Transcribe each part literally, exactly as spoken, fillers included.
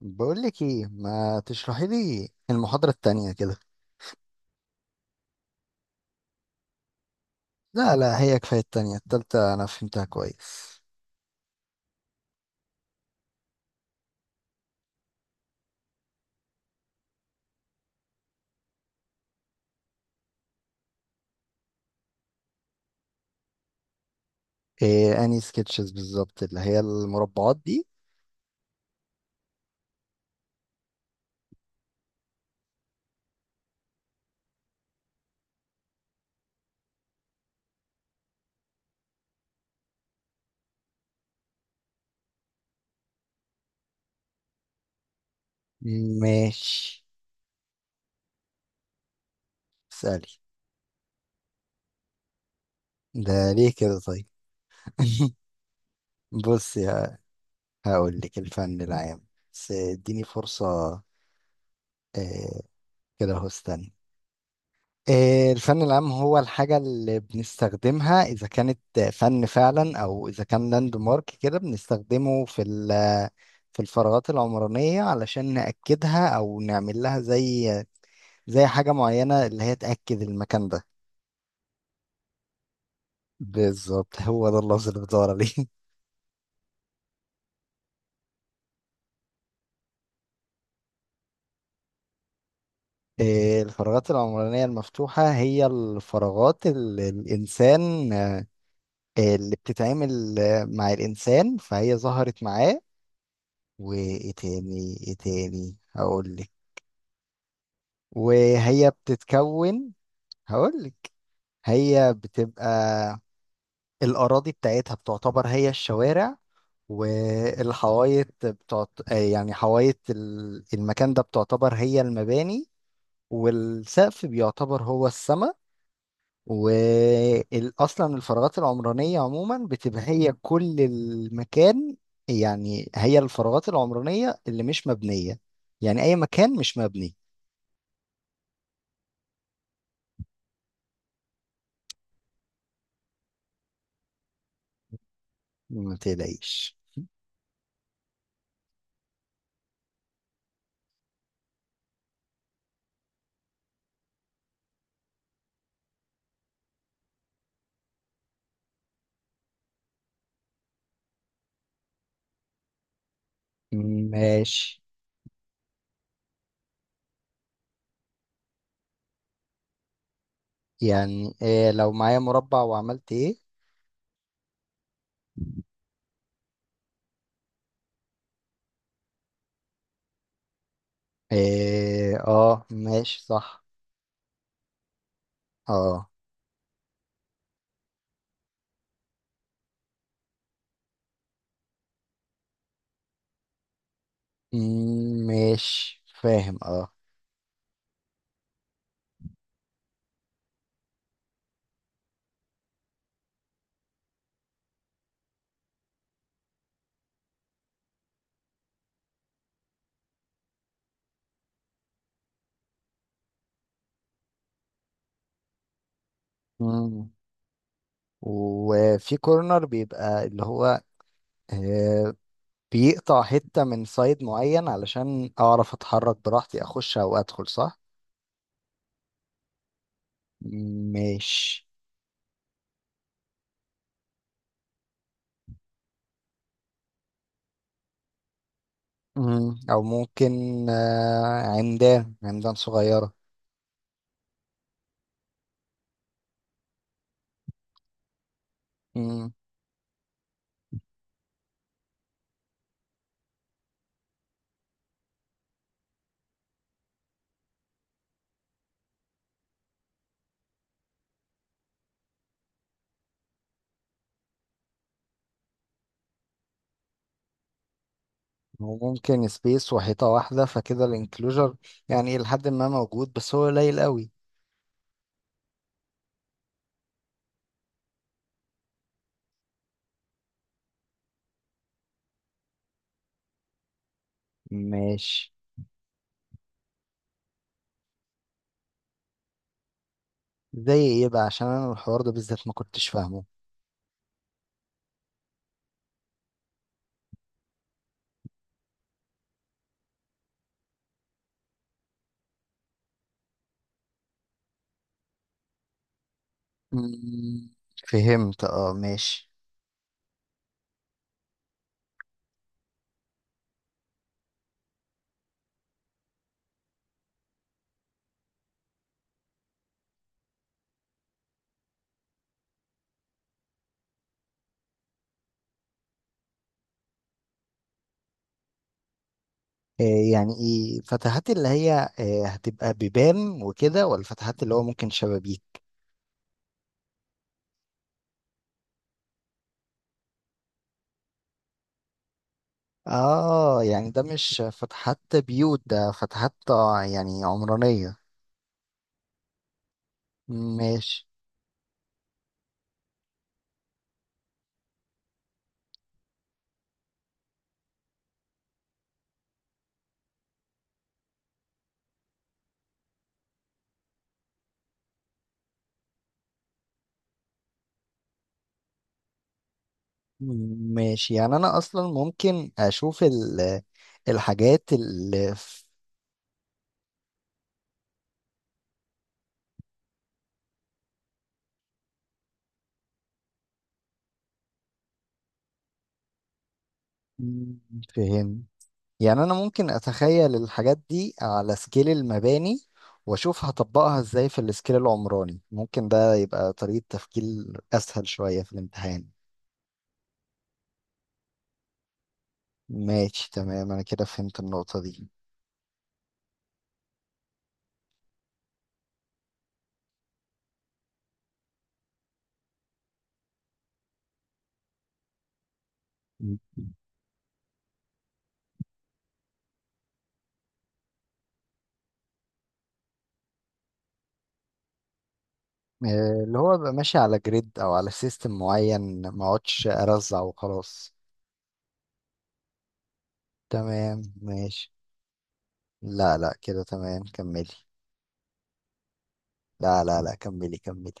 بقول لك ايه ما تشرحي لي المحاضرة التانية كده. لا لا، هي كفاية التانية، التالتة انا فهمتها كويس. إيه اني سكتشز بالظبط اللي هي المربعات دي؟ ماشي. اسألي. ده ليه كده طيب؟ بصي ه- هقول لك الفن العام، بس اديني فرصة. إيه؟ كده اهو استني. آه، الفن العام هو الحاجة اللي بنستخدمها إذا كانت فن فعلا، أو إذا كان لاند مارك كده بنستخدمه في ال- في الفراغات العمرانية علشان نأكدها أو نعمل لها زي زي حاجة معينة اللي هي تأكد المكان ده. بالظبط، هو ده اللفظ اللي بدور عليه. آه، الفراغات العمرانية المفتوحة هي الفراغات اللي الإنسان، آه، اللي بتتعامل آه، مع الإنسان، فهي ظهرت معاه. وايه تاني ايه تاني هقول لك. وهي بتتكون. هقول لك. هي بتبقى الأراضي بتاعتها بتعتبر هي الشوارع، والحوايط بتعت... آه يعني حوايط ال- المكان ده بتعتبر هي المباني، والسقف بيعتبر هو السما. واصلا الفراغات العمرانيه عموما بتبقى هي كل المكان، يعني هي الفراغات العمرانيه اللي مش مبنيه، يعني اي مكان مش مبني. ما تقلقيش. ماشي. يعني إيه لو معايا مربع وعملت ايه؟ إيه اه، ماشي صح. اه. مم، ماشي فاهم اه. مم. وفي كورنر بيبقى اللي هو، آه، بيقطع حتة من سايد معين علشان أعرف أتحرك براحتي أخش أو أدخل، صح؟ ماشي. مم. أو ممكن، آه، عمدان عمدان صغيرة. مم. وممكن سبيس وحيطة واحدة، فكده الانكلوجر يعني إلى حد ما موجود، بس هو قليل قوي. ماشي. زي إيه بقى؟ عشان أنا الحوار ده بالذات ما كنتش فاهمه. مم. فهمت اه، ماشي. آه، يعني ايه فتحات؟ اللي هي آه، هتبقى بيبان وكده، ولا فتحات اللي هو ممكن شبابيك؟ اه، يعني ده مش فتحات بيوت، ده فتحات آه، يعني عمرانية. ماشي. ماشي، يعني انا اصلا ممكن اشوف ال- الحاجات اللي ف- مم، فهم. يعني انا ممكن اتخيل الحاجات دي على سكيل المباني واشوف هطبقها ازاي في السكيل العمراني، ممكن ده يبقى طريقة تفكير اسهل شوية في الامتحان. ماشي تمام، انا كده فهمت النقطة دي. م. آه، اللي هو بقى ماشي على جريد او على سيستم معين، ما اقعدش ارزع وخلاص. تمام ماشي. لا لا، كده تمام كملي. لا لا لا، كملي كملي.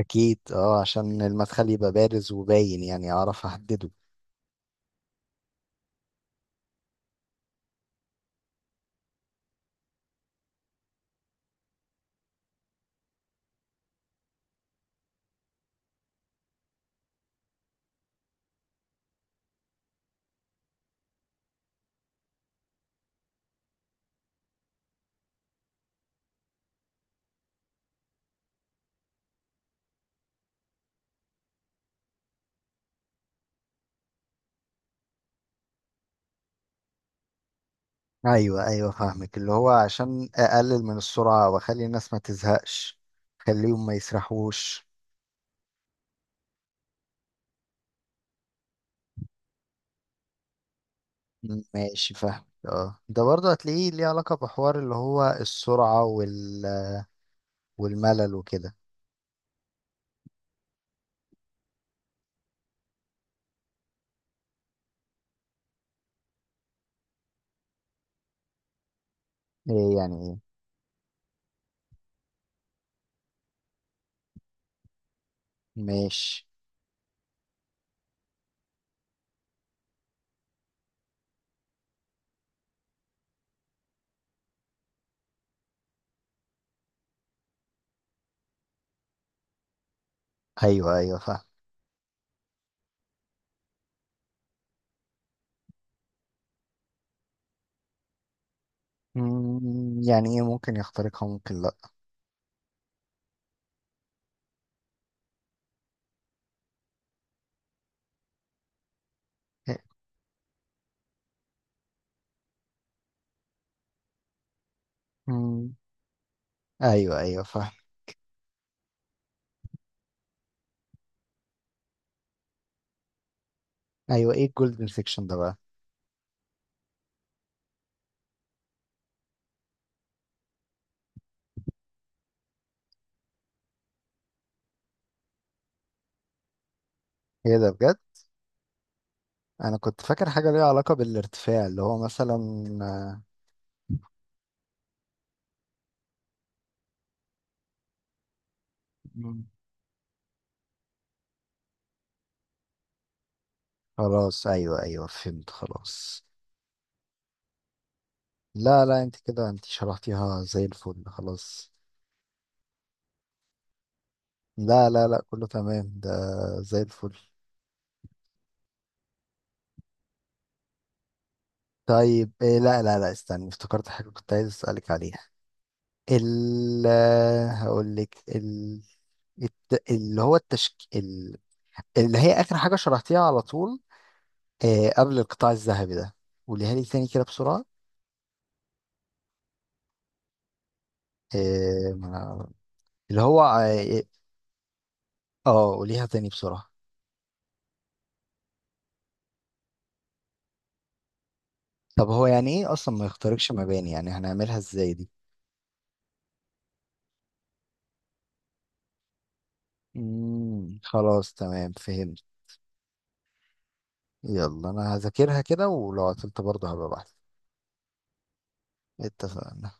اكيد اه، عشان المدخل يبقى بارز وباين يعني اعرف احدده. ايوه ايوه فاهمك، اللي هو عشان اقلل من السرعة واخلي الناس ما تزهقش، خليهم ما يسرحوش. مم، ماشي فاهم اه، ده برضه هتلاقيه ليه علاقة بحوار اللي هو السرعة وال... والملل وكده. ايه يعني ايه؟ ماشي. ايوه ايوه فاهم. مم، يعني ايه ممكن يخترقها ممكن لا؟ إيه؟ مم، ايوه ايوه فاهم. ايوه، ايه الجولد انفكشن ده بقى؟ ايه ده بجد؟ انا كنت فاكر حاجة ليها علاقة بالارتفاع اللي هو مثلا، آه. مم، خلاص ايوه ايوه فهمت خلاص. لا لا، انت كده انت شرحتيها زي الفل خلاص. لا لا لا، كله تمام ده، زي الفل. طيب إيه، لا لا لا استنى، افتكرت حاجة كنت عايز أسألك عليها. ال هقول لك ال... الت... اللي هو التشك ال... اللي هي آخر حاجة شرحتيها على طول، آه، قبل القطاع الذهبي ده، قوليها لي تاني كده بسرعة. آه ما- اللي هو اه آه، قوليها تاني بسرعة. طب هو يعني ايه اصلا ما يخترقش مباني؟ يعني هنعملها ازاي دي؟ مم. خلاص تمام فهمت. يلا انا هذاكرها كده ولو قفلت برضه هبقى بحث. اتفقنا.